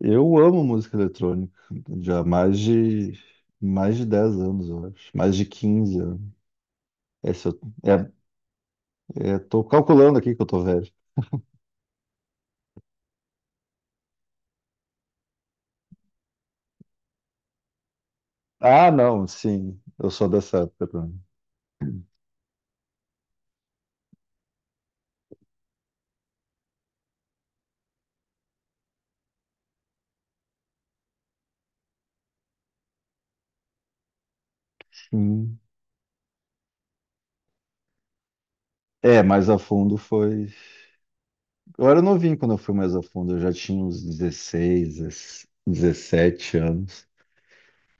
Eu amo música eletrônica, já há mais de 10 anos, eu acho. Mais de 15 anos. É, se eu, é, é, tô calculando aqui que eu tô velho. Ah, não, sim, eu sou dessa época também. Sim. É, mais a fundo foi. Eu era novinho quando eu fui mais a fundo, eu já tinha uns 16, 17 anos.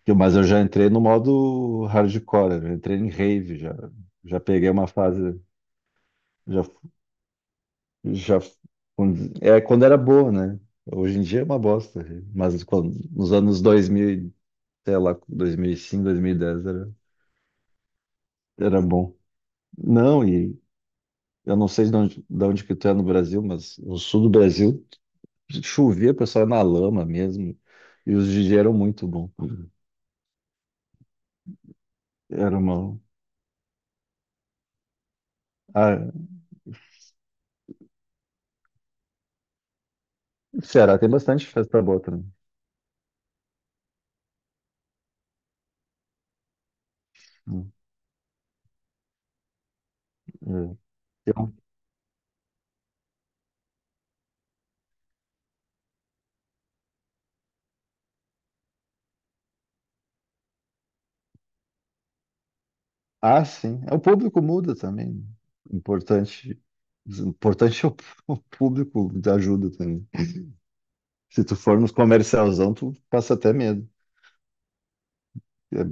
Mas eu já entrei no modo hardcore, eu já entrei em rave, já peguei uma fase. Já, já, é quando era boa, né? Hoje em dia é uma bosta, mas quando, nos anos 2000 e, sei lá, 2005, dez era bom. Não, e eu não sei de onde que tu é no Brasil, mas no sul do Brasil chovia, o pessoal ia na lama mesmo, e os DJs eram muito bons. Era uma. Ah, Ceará tem bastante festa boa também. Hum, é. Ah, sim. É, o público muda também. Importante, importante é o o público te ajuda também. Se tu for nos comercialzão, tu passa até medo. É,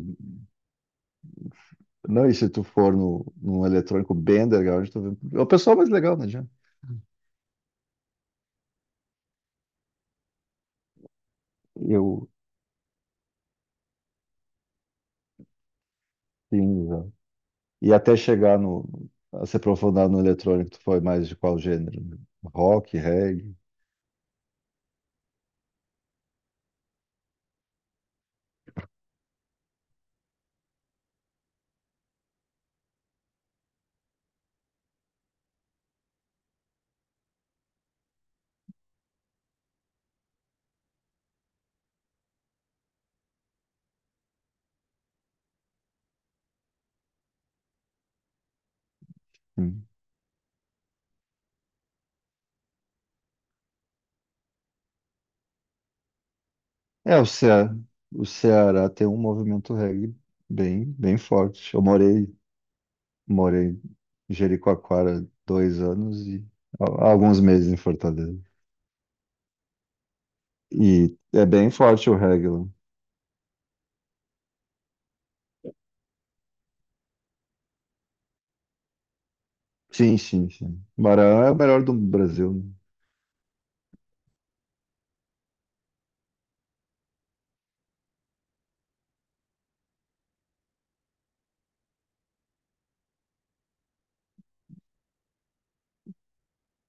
não, e se tu for no, num eletrônico bem underground, é o pessoal mais legal, não adianta. Eu, sim, exato. E até chegar a se aprofundar no eletrônico, tu foi mais de qual gênero? Rock, reggae? Hum. É, o Ceará tem um movimento reggae bem, bem forte. Eu morei Morei em Jericoacoara dois anos e alguns meses em Fortaleza. E é bem forte o reggae lá. Sim, sim, sim. Maranhão é o melhor do Brasil, né?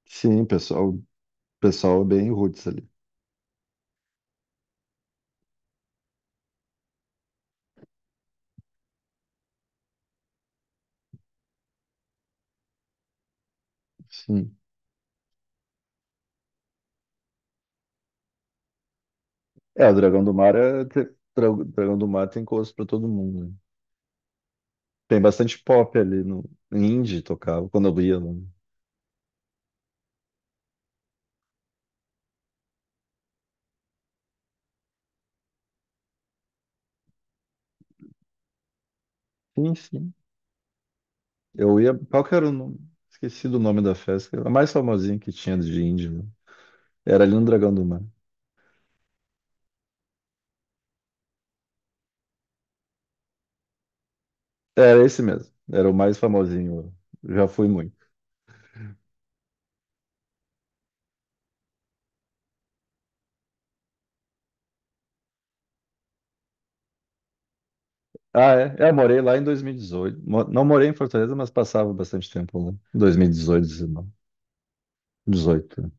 Sim, pessoal é bem roots ali. Sim. É, o Dragão do Mar tem gosto pra todo mundo, né? Tem bastante pop ali no indie tocava quando eu ia, né? Sim, sim. Qual que era o nome? Esqueci do nome da festa, a mais famosinha que tinha de indie, né? Era ali no Dragão do Mar. Era esse mesmo. Era o mais famosinho. Já fui muito. Ah, é. É, eu morei lá em 2018. Não morei em Fortaleza, mas passava bastante tempo lá. 2018, 19, 18, né?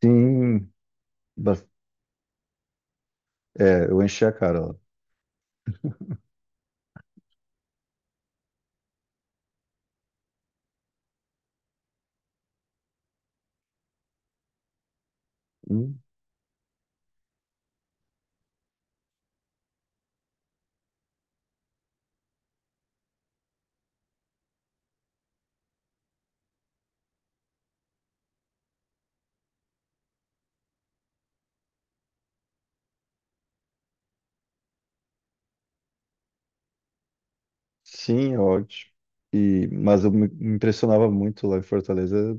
Sim. ba- É, eu enchi a cara lá. Hum. Sim, é ótimo. Mas eu me impressionava muito lá em Fortaleza.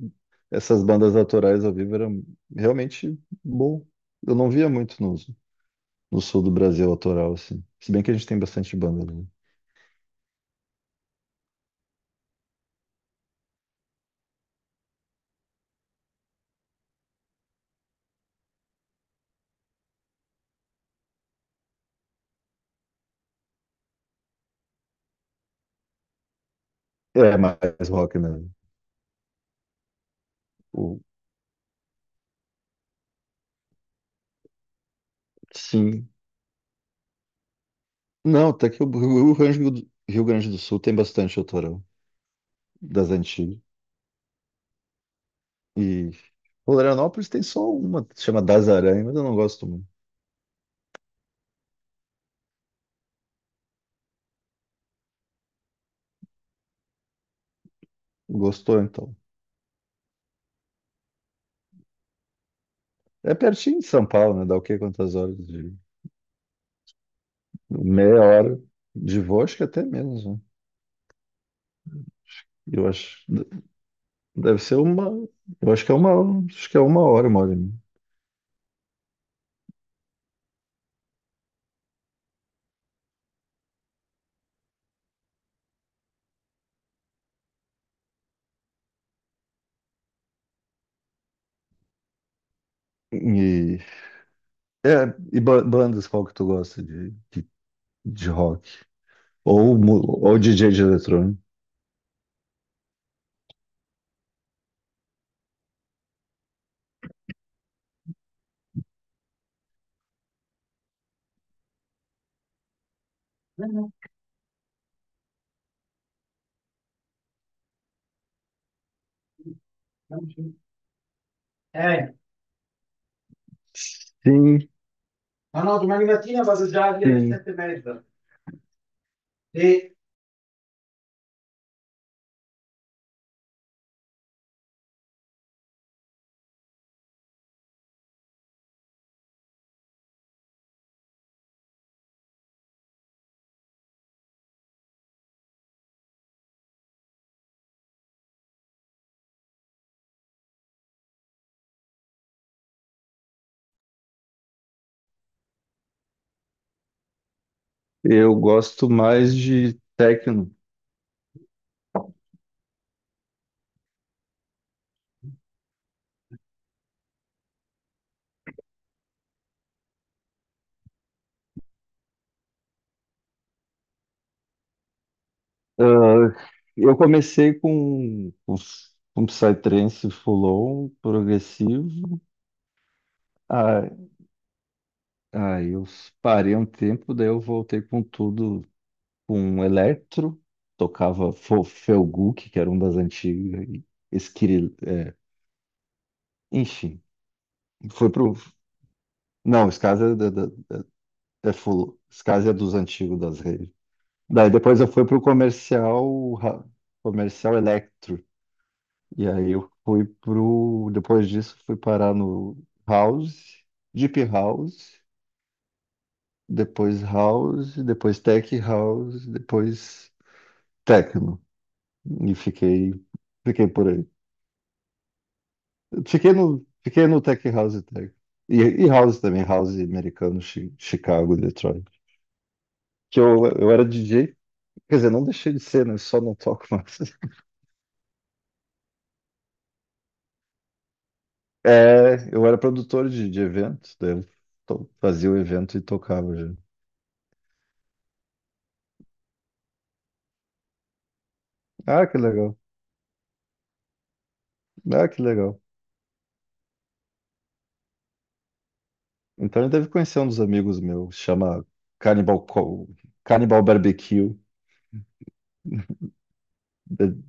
Essas bandas autorais ao vivo eram realmente bom. Eu não via muito no sul do Brasil autoral, assim. Se bem que a gente tem bastante banda, né? É mais rock mesmo. O, Sim. Não, até que o Rio Grande do Sul tem bastante autorão das antigas. E Florianópolis tem só uma, que se chama Das Aranhas, mas eu não gosto muito. Gostou, então. É pertinho de São Paulo, né? Dá o quê? Quantas horas de. Meia hora de voo, acho que até menos, né? Eu acho. Deve ser uma. Eu acho que é uma. Acho que é uma hora e meia. E, é, bandas, qual que tu gosta de rock? Ou, mu- ou DJ de eletrônico? Sim, Arnoldo, Magnatina Basacagliari e sim. Sette Merda. E Eu gosto mais de techno. Ah, eu comecei com Psytrance full-on, progressivo. Ah, aí eu parei um tempo, daí eu voltei com tudo, com electro. Tocava Felguk, que era um das antigas, e Esquiril, enfim, foi pro. Não, Skaz é full, Skaz é dos antigos das redes. Daí depois eu fui pro comercial, comercial Electro. E aí eu depois disso fui parar no House, Deep House, depois Tech House, depois Techno. E fiquei por aí. Fiquei no Tech House e Tech. E, e House também, House americano, Chicago, Detroit. Que eu era DJ, quer dizer, não deixei de ser, né? Só não toco mais. É, eu era produtor de eventos, daí eu fazia o evento e tocava já. Ah, que legal. Ah, que legal. Então ele deve conhecer um dos amigos meus, chama Cannibal, Co- Cannibal Barbecue, de-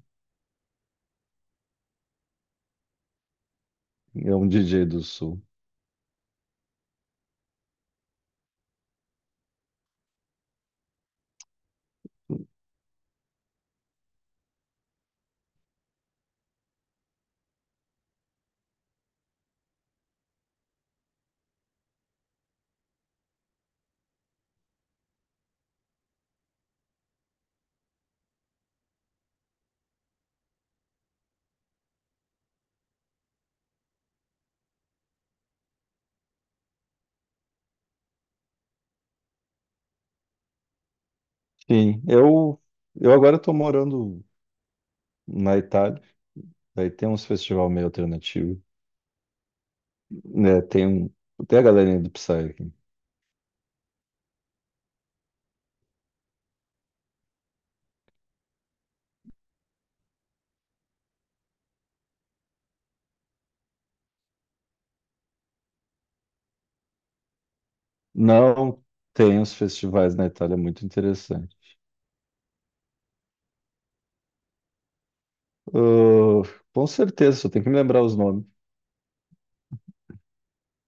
é um DJ do Sul. Sim, eu agora estou morando na Itália, daí tem uns festival meio alternativo, né, tem a galerinha do Psy aqui. Não tem uns festivais na Itália muito interessantes. Ah, com certeza, só tem que me lembrar os nomes.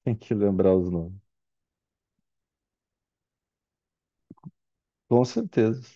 Tem que lembrar os nomes. Com certeza.